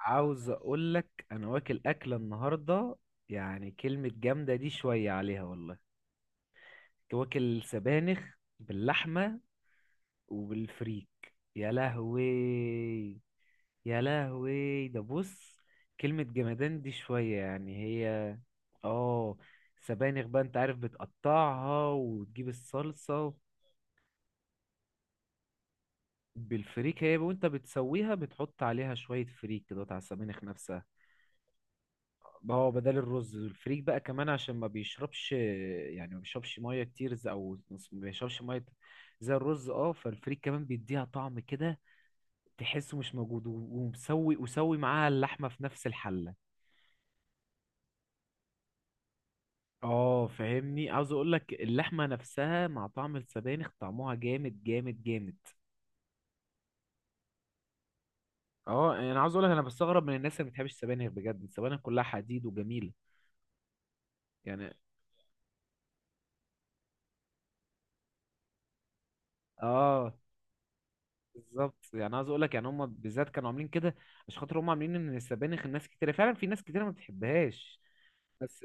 عاوز اقول لك انا واكل اكله النهارده. يعني كلمه جامده، دي شويه عليها والله. كنت واكل سبانخ باللحمه وبالفريك، يا لهوي. يا لهوي، ده بص، كلمه جمدان دي شويه يعني هي. اه، سبانخ بقى، انت عارف بتقطعها وتجيب الصلصه. بالفريك هي، وانت بتسويها بتحط عليها شويه فريك كده على السبانخ نفسها. ما هو بدل الرز الفريك بقى كمان عشان ما بيشربش، يعني ما بيشربش ميه كتير، او ما بيشربش ميه. زي الرز، اه فالفريك كمان بيديها طعم كده، تحسه مش موجود، و- ومسوي وسوي معاها اللحمه في نفس الحله. اه فاهمني، عاوز اقول لك اللحمه نفسها مع طعم السبانخ طعمها جامد جامد جامد. اه، يعني انا عاوز اقول لك انا بستغرب من الناس اللي ما بتحبش السبانخ، بجد السبانخ كلها حديد وجميله. يعني اه، بالظبط، يعني عاوز اقول لك يعني هم بالذات كانوا عاملين كده عشان خاطر هم عاملين ان السبانخ الناس كتير، فعلا في ناس كتير ما بتحبهاش. بس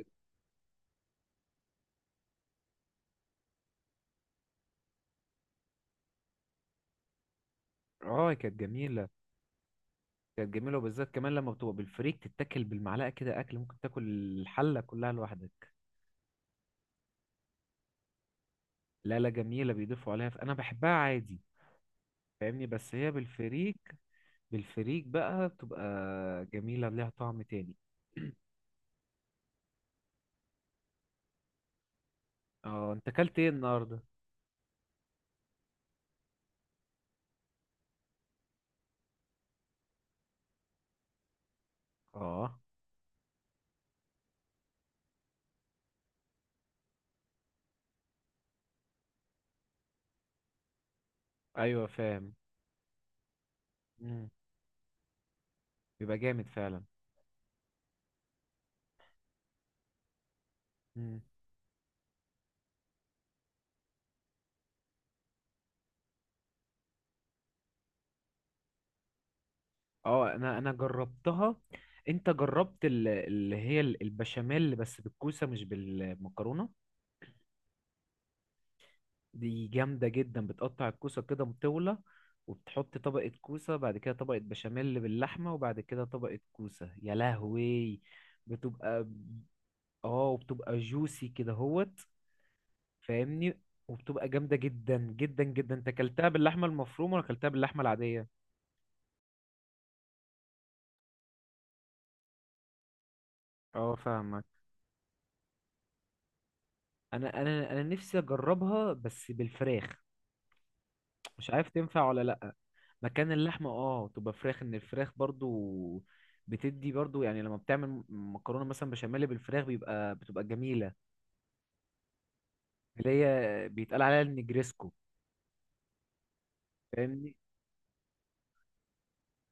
اه كانت جميله. كانت جميله وبالذات كمان لما بتبقى بالفريك تتاكل بالمعلقه كده، اكل ممكن تاكل الحله كلها لوحدك. لا، لا، جميله بيضيفوا عليها، انا بحبها عادي. فاهمني، بس هي بالفريك. بالفريك بقى بتبقى جميله ليها طعم تاني. اه، انت اكلت ايه النهارده؟ اه، ايوه، فاهم. مم. بيبقى جامد فعلا. مم. اه، انا جربتها. انت جربت اللي هي البشاميل بس بالكوسه مش بالمكرونه؟ دي جامده جدا، بتقطع الكوسه كده مطوله. وبتحط طبقه كوسه، بعد كده طبقه بشاميل باللحمه، وبعد كده طبقه كوسه، يا لهوي. بتبقى ب- اه وبتبقى جوسي كده هوت. فاهمني، وبتبقى جامده جدا جدا جدا. انت اكلتها باللحمه المفرومه ولا اكلتها باللحمه العاديه؟ اه، فاهمك. انا نفسي اجربها بس بالفراخ، مش عارف تنفع ولا لأ. مكان اللحمة اه تبقى فراخ، ان الفراخ برضو بتدي برضو، يعني لما بتعمل مكرونة مثلا بشاميل بالفراخ بيبقى بتبقى جميلة. اللي هي بيتقال عليها النجريسكو. فاهمني،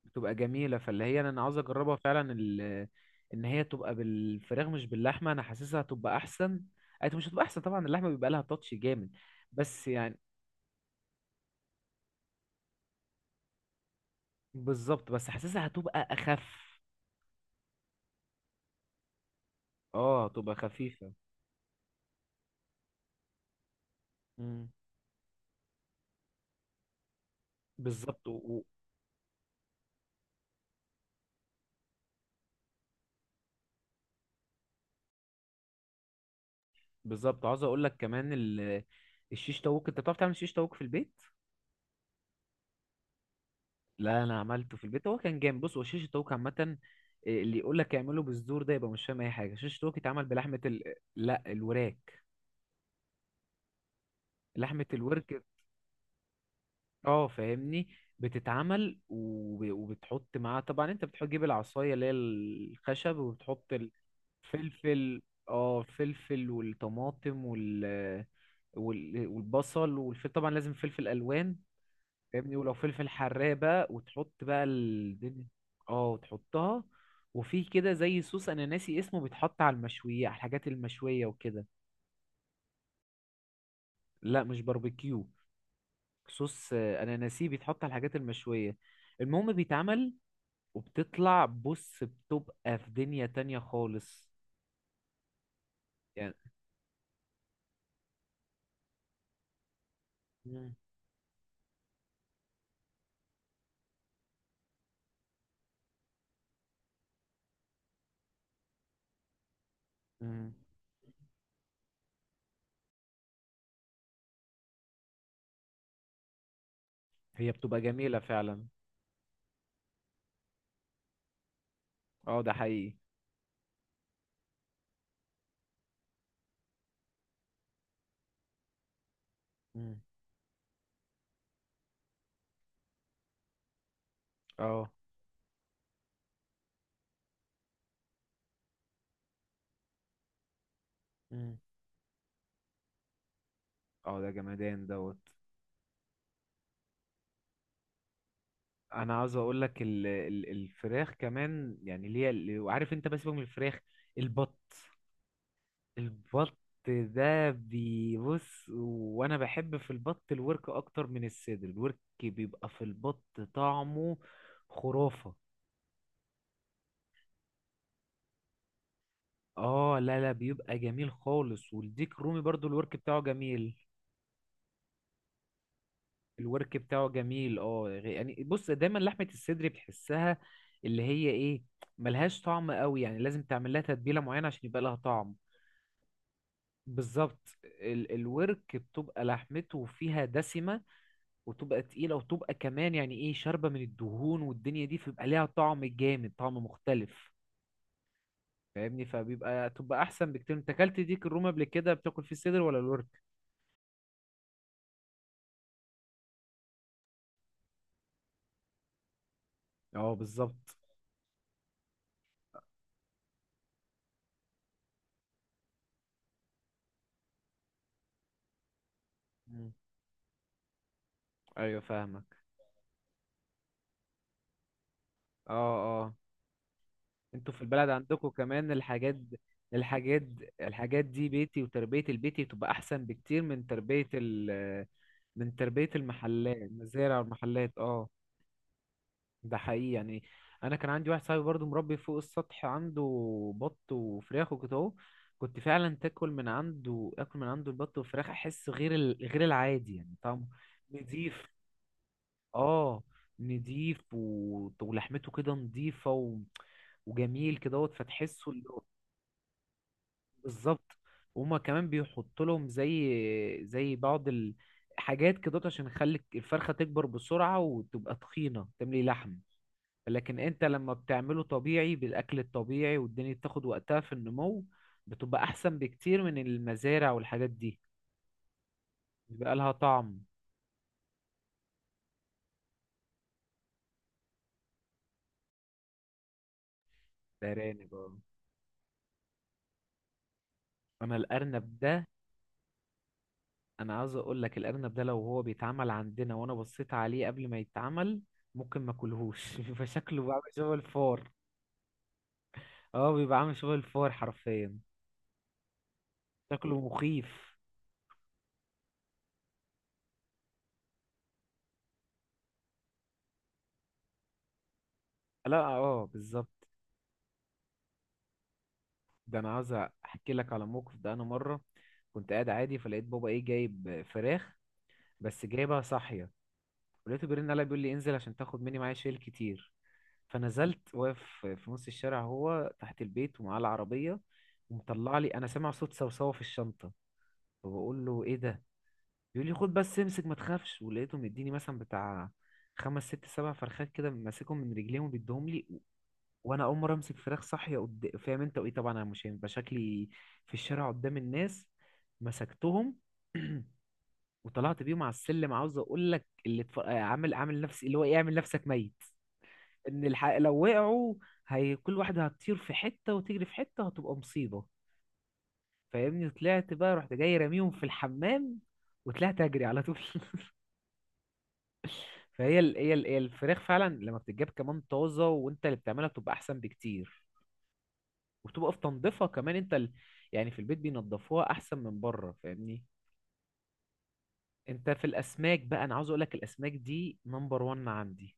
بتبقى جميلة، فاللي هي انا عاوز اجربها فعلا ان هي تبقى بالفراخ مش باللحمة، انا حاسسها هتبقى احسن. أي مش هتبقى احسن طبعا، اللحمة بيبقى لها تاتش جامد. بس يعني، بالظبط، بس حاسسها هتبقى اخف. اه، تبقى خفيفة. مم. بالظبط و- بالظبط عاوز اقول لك كمان الشيش طاووق، انت بتعرف تعمل شيش طاووق في البيت؟ لا، انا عملته في البيت هو كان جامد. بص، هو شيش الطاووق عامه إيه، اللي يقول لك اعمله بالزور ده يبقى مش فاهم اي حاجه. شيش الطاووق اتعمل بلحمه لا الوراك. لحمه الورك، اه، فاهمني. بتتعمل وبتحط معاها، طبعا انت بتحط تجيب العصايه اللي هي الخشب وبتحط الفلفل. اه الفلفل والطماطم، والبصل والفلفل، طبعا لازم فلفل الوان. فاهمني، ولو فلفل حراق بقى وتحط بقى الدنيا. اه، وتحطها. وفي كده زي صوص انا ناسي اسمه، بيتحط على المشوية، على الحاجات المشوية وكده. لا، مش باربيكيو. صوص، انا ناسيه، بيتحط على الحاجات المشوية. المهم بيتعمل، وبتطلع بص بتبقى في دنيا تانية خالص. يعني. مم. مم. هي بتبقى جميلة فعلا. اه، ده حقيقي. مم. اه. مم. اه، ده جمدان دوت. انا عاوز اقول لك الفراخ كمان، يعني اللي هي وعارف انت، بس سيبك من الفراخ. البط. البط ده بيبص، وانا بحب في البط الورك اكتر من الصدر. الورك بيبقى في البط طعمه خرافة. اه، لا، لا، بيبقى جميل خالص، والديك رومي برضو الورك بتاعه جميل. الورك بتاعه جميل، اه، يعني بص دايما لحمة الصدر بتحسها اللي هي ايه، ملهاش طعم قوي، يعني لازم تعمل لها تتبيله معينه عشان يبقى لها طعم. بالظبط، الورك بتبقى لحمته فيها دسمة، وتبقى تقيلة، وتبقى كمان يعني ايه، شاربة من الدهون والدنيا دي، فبيبقى ليها طعم جامد، طعم مختلف. فاهمني، فبيبقى تبقى احسن بكتير. انت اكلت ديك الرومي قبل كده بتاكل فيه صدر ولا الورك؟ اه، بالظبط. مم. ايوه، فاهمك. اه، اه. انتوا في البلد عندكم كمان الحاجات، الحاجات الحاجات دي بيتي، وتربية البيتي بتبقى احسن بكتير من تربية المحلات، المزارع والمحلات، اه. ده حقيقي يعني. انا كان عندي واحد صاحبي برضو مربي فوق السطح عنده بط وفراخ وكده اهو. كنت فعلا تاكل من عنده، اكل من عنده البط والفراخ احس غير العادي يعني طعمه. نضيف. اه، نضيف، و... ولحمته كده نضيفه، وجميل كده اهوت، فتحسه بالظبط، وهما كمان بيحط لهم زي بعض الحاجات كده عشان يخلي الفرخه تكبر بسرعه، وتبقى تخينه تملي لحم. لكن انت لما بتعمله طبيعي بالاكل الطبيعي، والدنيا بتاخد وقتها في النمو، بتبقى احسن بكتير من المزارع والحاجات دي. بيبقى لها طعم. الارانب اه. انا الارنب ده، انا عاوز اقول لك الارنب ده لو هو بيتعمل عندنا وانا بصيت عليه قبل ما يتعمل ممكن ما اكلهوش. بيبقى شكله بقى عامل شبه الفار. اه، بيبقى عامل شبه الفار حرفيا. شكله مخيف. لا، اه، بالظبط. ده انا عاوز احكي لك على موقف. ده انا مره كنت قاعد عادي فلقيت بابا ايه جايب فراخ، بس جايبها صاحية. ولقيته بيرن عليا، بيقول لي انزل عشان تاخد مني، معايا شيل كتير. فنزلت واقف في نص الشارع، هو تحت البيت ومعاه العربية. ومطلع لي، انا سامع صوت صوصوة في الشنطة. فبقول له ايه ده؟ بيقول لي خد بس امسك ما تخافش. ولقيته مديني مثلا بتاع خمس ست سبع فرخات كده، ماسكهم من رجليهم وبيديهم لي. وانا اول مره امسك فراخ صاحيه، فاهم انت، وايه طبعا انا مش هيبقى شكلي في الشارع قدام الناس. مسكتهم. وطلعت بيهم على السلم، عاوز اقول لك اللي عامل نفسي اللي هو ايه، اعمل نفسك ميت. ان لو وقعوا هي كل واحده هتطير في حته وتجري في حته وهتبقى مصيبه. فاهمني، طلعت بقى رحت جاي راميهم في الحمام وطلعت اجري على طول. فهي ال... هي ال... هي الفراخ فعلا لما بتتجاب كمان طازه، وانت اللي بتعملها بتبقى احسن بكتير. وبتبقى في تنظيفها كمان انت، يعني في البيت بينضفوها احسن من بره، فاهمني. انت في الاسماك بقى، انا عاوز اقول لك الاسماك دي نمبر 1 عندي.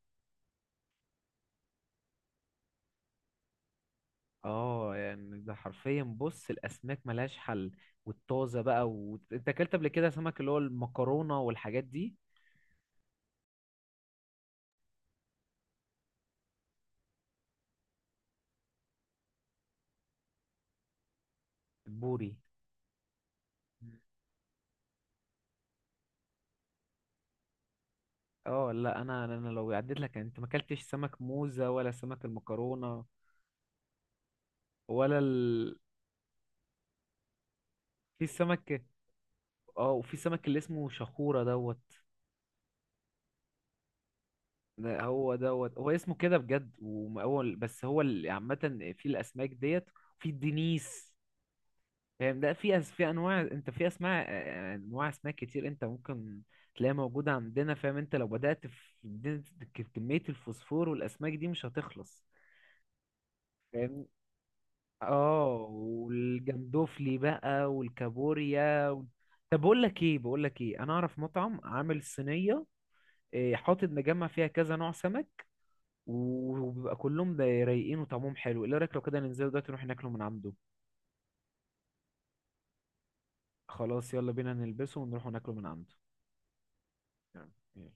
اه يعني، ده حرفيا، بص الاسماك ملهاش حل. والطازه بقى. وانت اكلت قبل كده سمك اللي هو المكرونه والحاجات دي؟ البوري. مم. اه، لا، انا لو عديت لك يعني، انت ما اكلتش سمك موزه ولا سمك المكرونه ولا في سمك. اه وفي سمك اللي اسمه شخوره دوت. ده هو دوت، هو اسمه كده بجد. وهو بس هو عامه في الاسماك ديت، في الدنيس. فاهم، لا في في انواع، انت في اسماء انواع اسماك كتير انت ممكن تلاقيها موجوده عندنا. فاهم، انت لو بدات في كميه الفوسفور والاسماك دي مش هتخلص. فاهم، اه والجندوفلي بقى والكابوريا طب بقول لك ايه، بقول لك ايه، انا اعرف مطعم عامل صينيه، حاطط مجمع فيها كذا نوع سمك. و- وبيبقى كلهم ده رايقين وطعمهم حلو. ايه رايك لو كده ننزل دلوقتي نروح ناكله من عنده؟ خلاص، يلا بينا نلبسه ونروح ناكله من عنده. تمام، يلا.